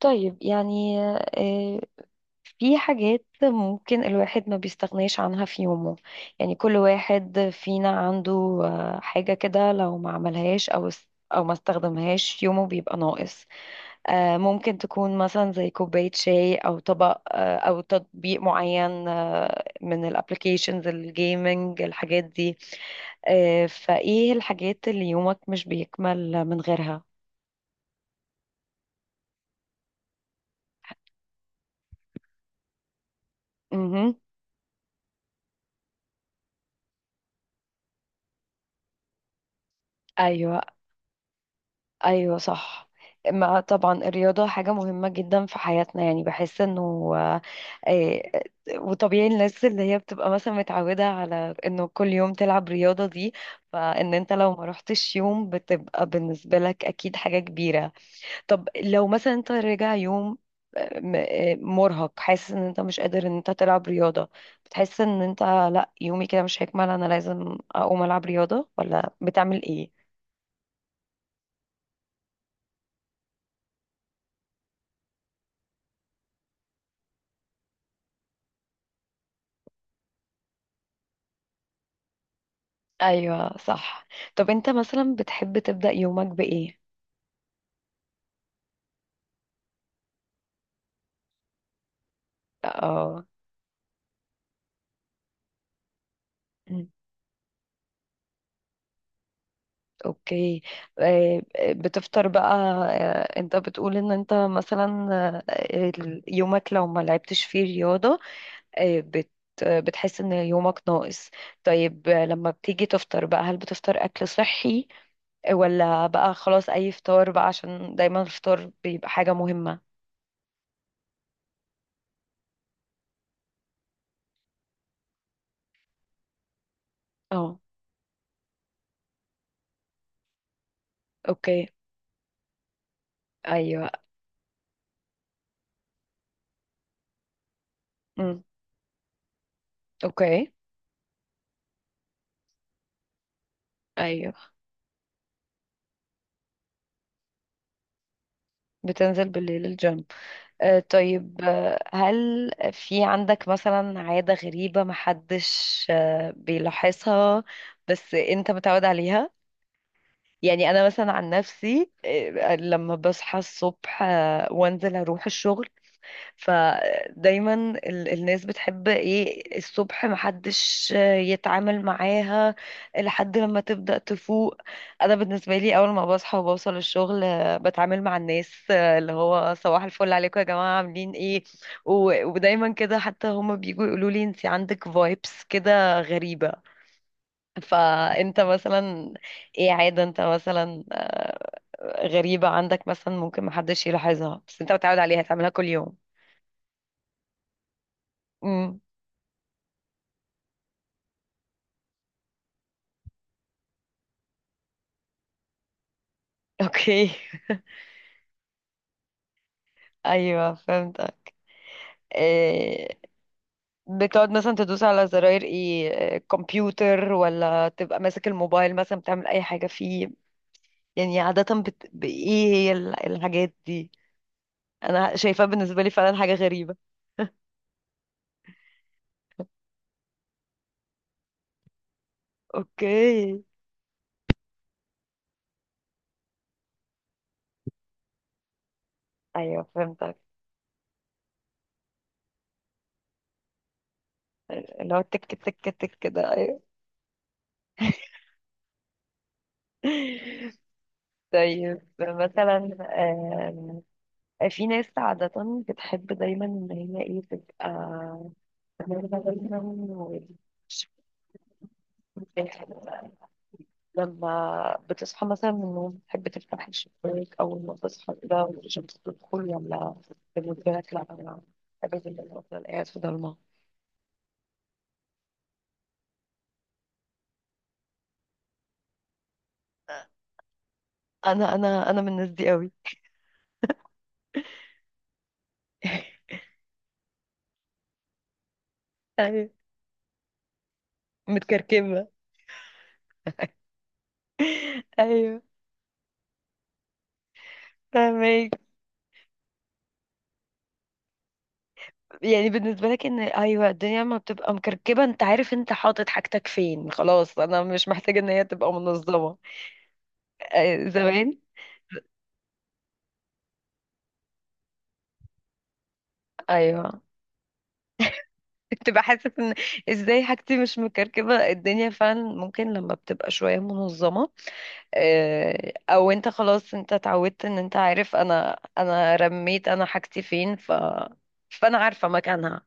طيب يعني آه، في حاجات ممكن الواحد ما بيستغناش عنها في يومه. يعني كل واحد فينا عنده حاجة كده لو ما عملهاش أو ما استخدمهاش يومه بيبقى ناقص. ممكن تكون مثلا زي كوباية شاي أو طبق، أو تطبيق معين، من الابليكيشنز الجيمنج الحاجات دي. فإيه الحاجات اللي يومك مش بيكمل من غيرها؟ مهم. أيوه. ايوه صح. ما طبعا الرياضة حاجة مهمة جدا في حياتنا، يعني بحس انه آه، وطبيعي الناس اللي هي بتبقى مثلا متعودة على انه كل يوم تلعب رياضة دي، فان انت لو ما رحتش يوم بتبقى بالنسبة لك اكيد حاجة كبيرة. طب لو مثلا انت راجع يوم مرهق، حاسس ان انت مش قادر ان انت تلعب رياضة، بتحس ان انت لا يومي كده مش هيكمل انا لازم اقوم العب رياضة، ولا بتعمل ايه؟ ايوه صح. طب انت مثلا بتحب تبدأ يومك بإيه؟ اه. أمم، اوكي. آه، بتفطر بقى. انت بتقول ان انت مثلا، يومك لو ما لعبتش فيه رياضة، آه، بت بتحس ان يومك ناقص. طيب، لما بتيجي تفطر بقى هل بتفطر اكل صحي ولا بقى خلاص اي فطار بقى، عشان دايما الفطار بيبقى حاجة مهمة. اه. اوكي. ايوه. أمم، اوكي. ايوه. بتنزل بالليل الجيم. آه طيب، آه هل في عندك مثلا عادة غريبة محدش بيلاحظها بس انت متعود عليها؟ يعني انا مثلا عن نفسي، آه لما بصحى الصبح آه وانزل اروح الشغل، فدايما الناس بتحب ايه الصبح محدش يتعامل معاها لحد لما تبدأ تفوق. انا بالنسبة لي اول ما بصحى وبوصل الشغل بتعامل مع الناس، اللي هو صباح الفل عليكم يا جماعة عاملين ايه. و- ودايما كده، حتى هما بيجوا يقولوا لي انت عندك فايبس كده غريبة. فانت مثلا ايه عادة انت مثلا غريبة عندك، مثلا ممكن محدش يلاحظها بس انت متعود عليها تعملها كل يوم. امم. اوكي. ايوه فهمت. إيه بتقعد مثلا تدوس على زراير ايه، كمبيوتر ولا تبقى ماسك الموبايل مثلا بتعمل اي حاجة فيه؟ يعني عادة بايه هي الحاجات دي، انا شايفاه بالنسبة لي فعلا حاجة غريبة. اوكي. ايوه فهمتك. اللي هو تك تك تك ده، ايوه. طيب مثلا، آم، في ناس عادة بتحب دايما ان هي ايه تبقى، لما بتصحى مثلا من النوم بتحب تفتح الشباك أول ما تصحى كده والشمس تدخل، ولا بالنسبة لك لأ؟ أنا بحب جدا أفضل قاعد في ضلمة. أنا من الناس دي قوي. أيوة، متكركبة. أيوة فاهمك. يعني بالنسبة لك إن أيوة الدنيا ما بتبقى مكركبة، أنت عارف أنت حاطط حاجتك فين، خلاص أنا مش محتاجة إن هي تبقى منظمة. آه، زمان. أيوة. بتبقى حاسة ان ازاي حاجتي مش مكركبة؟ الدنيا فعلا ممكن لما بتبقى شوية منظمة، او انت خلاص انت اتعودت ان انت عارف، انا رميت انا حاجتي فين، فانا عارفة مكانها،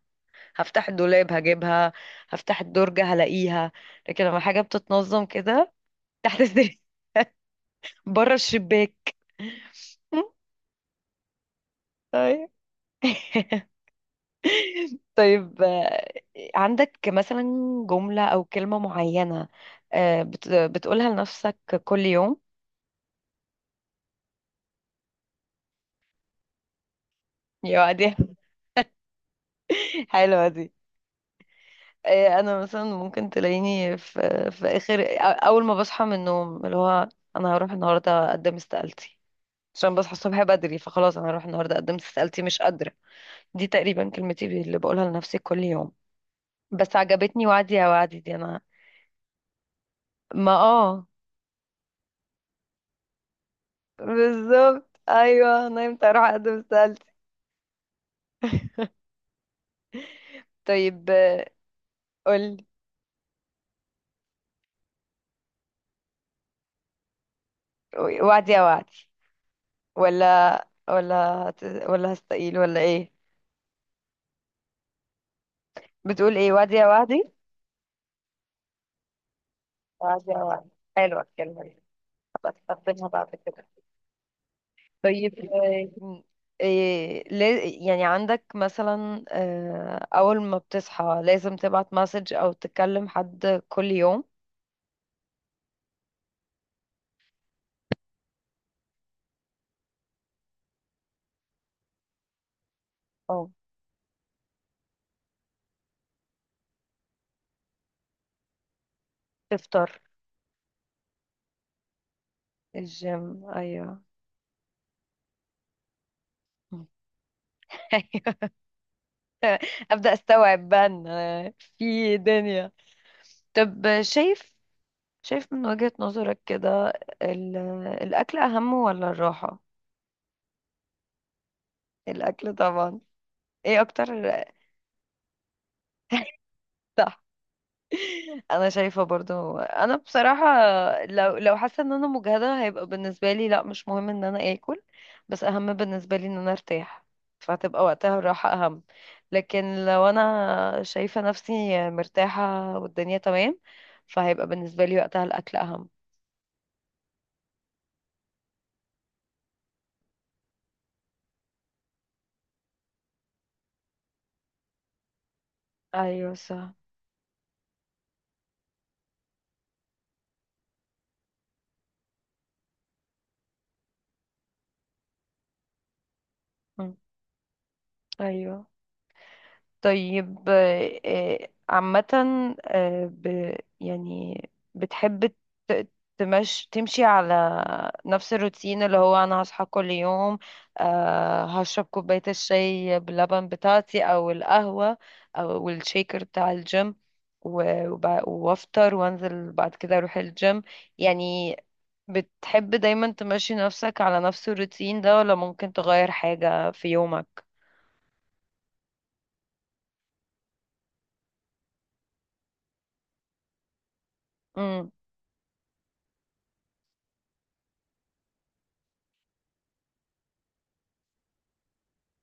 هفتح الدولاب هجيبها، هفتح الدرج هلاقيها. لكن لما حاجة بتتنظم كده تحت السرير، بره الشباك. طيب. طيب، عندك مثلا جملة أو كلمة معينة، بتقولها لنفسك كل يوم؟ يا دي، حلوة دي. أنا مثلا ممكن تلاقيني في آخر، أول ما بصحى من النوم، اللي هو أنا هروح النهاردة أقدم استقالتي. عشان بصحى الصبح بدري فخلاص أنا هروح النهاردة أقدم استقالتي مش قادرة. دي تقريبا كلمتي اللي بقولها لنفسي كل يوم. بس عجبتني وعدي يا وعدي دي. أنا ما بالظبط أيوه، نمت أروح أقدم استقالتي. طيب، قولي. وعدي يا وعدي، ولا ولا ولا هستقيل ولا ايه؟ بتقول ايه؟ وعدي يا وعدي. وعدي يا وعدي، حلوة الكلمة دي، هبقى استخدمها بعد كده. طيب، إيه يعني عندك مثلا، أول ما بتصحى لازم تبعت مسج أو تكلم حد كل يوم؟ أو تفطر. الجيم أيوه. أيوه، أبدأ أستوعب بقى إن في دنيا. طب شايف، شايف من وجهة نظرك كده، ال- الأكل أهم ولا الراحة؟ الأكل طبعا. ايه أكتر. صح. أنا شايفة برضو، أنا بصراحة لو لو حاسة إن أنا مجهدة هيبقى بالنسبة لي لأ مش مهم إن أنا آكل، بس أهم بالنسبة لي إن أنا أرتاح، فهتبقى وقتها الراحة أهم. لكن لو أنا شايفة نفسي مرتاحة والدنيا تمام، فهيبقى بالنسبة لي وقتها الأكل أهم. أيوة صح. م. أيوة. طيب، عامة، يعني بتحب ت- تمشي على نفس الروتين، اللي هو أنا هصحى كل يوم، هشرب كوباية الشاي باللبن بتاعتي أو القهوة أو الشيكر بتاع الجيم، و- وب- وأفطر وأنزل بعد كده أروح الجيم. يعني بتحب دايما تمشي نفسك على نفس الروتين ده، ولا ممكن تغير حاجة في يومك؟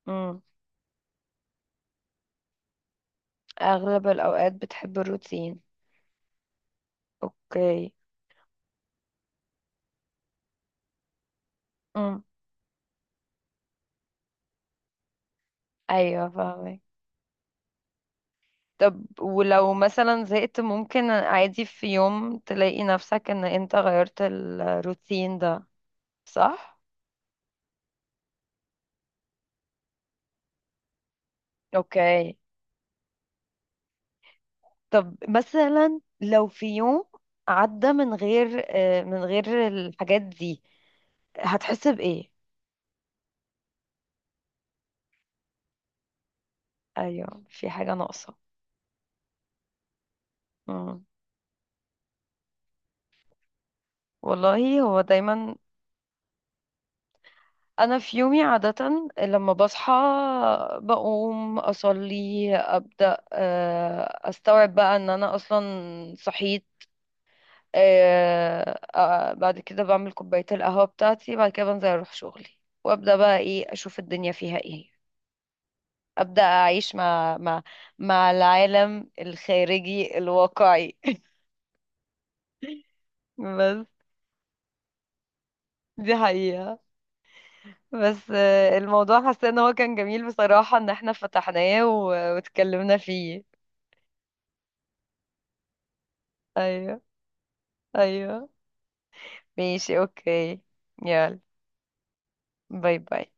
مم. اغلب الاوقات بتحب الروتين. اوكي. امم. ايوه فاهمك. طب ولو مثلا زهقت، ممكن عادي في يوم تلاقي نفسك ان انت غيرت الروتين ده. صح. اوكي. طب مثلا لو في يوم عدى من غير، من غير الحاجات دي، هتحس بايه؟ ايوه في حاجة ناقصة. مم. والله هو دايما. انا في يومي عادة لما بصحى بقوم اصلي ابدا، استوعب بقى ان انا اصلا صحيت، بعد كده بعمل كوباية القهوة بتاعتي، بعد كده بنزل اروح شغلي، وابدا بقى ايه اشوف الدنيا فيها ايه، ابدا اعيش مع مع العالم الخارجي الواقعي. بس دي حقيقة. بس الموضوع حاسة ان هو كان جميل بصراحة ان احنا فتحناه واتكلمنا فيه. ايوه. ايوه. ماشي اوكي. يلا، باي باي.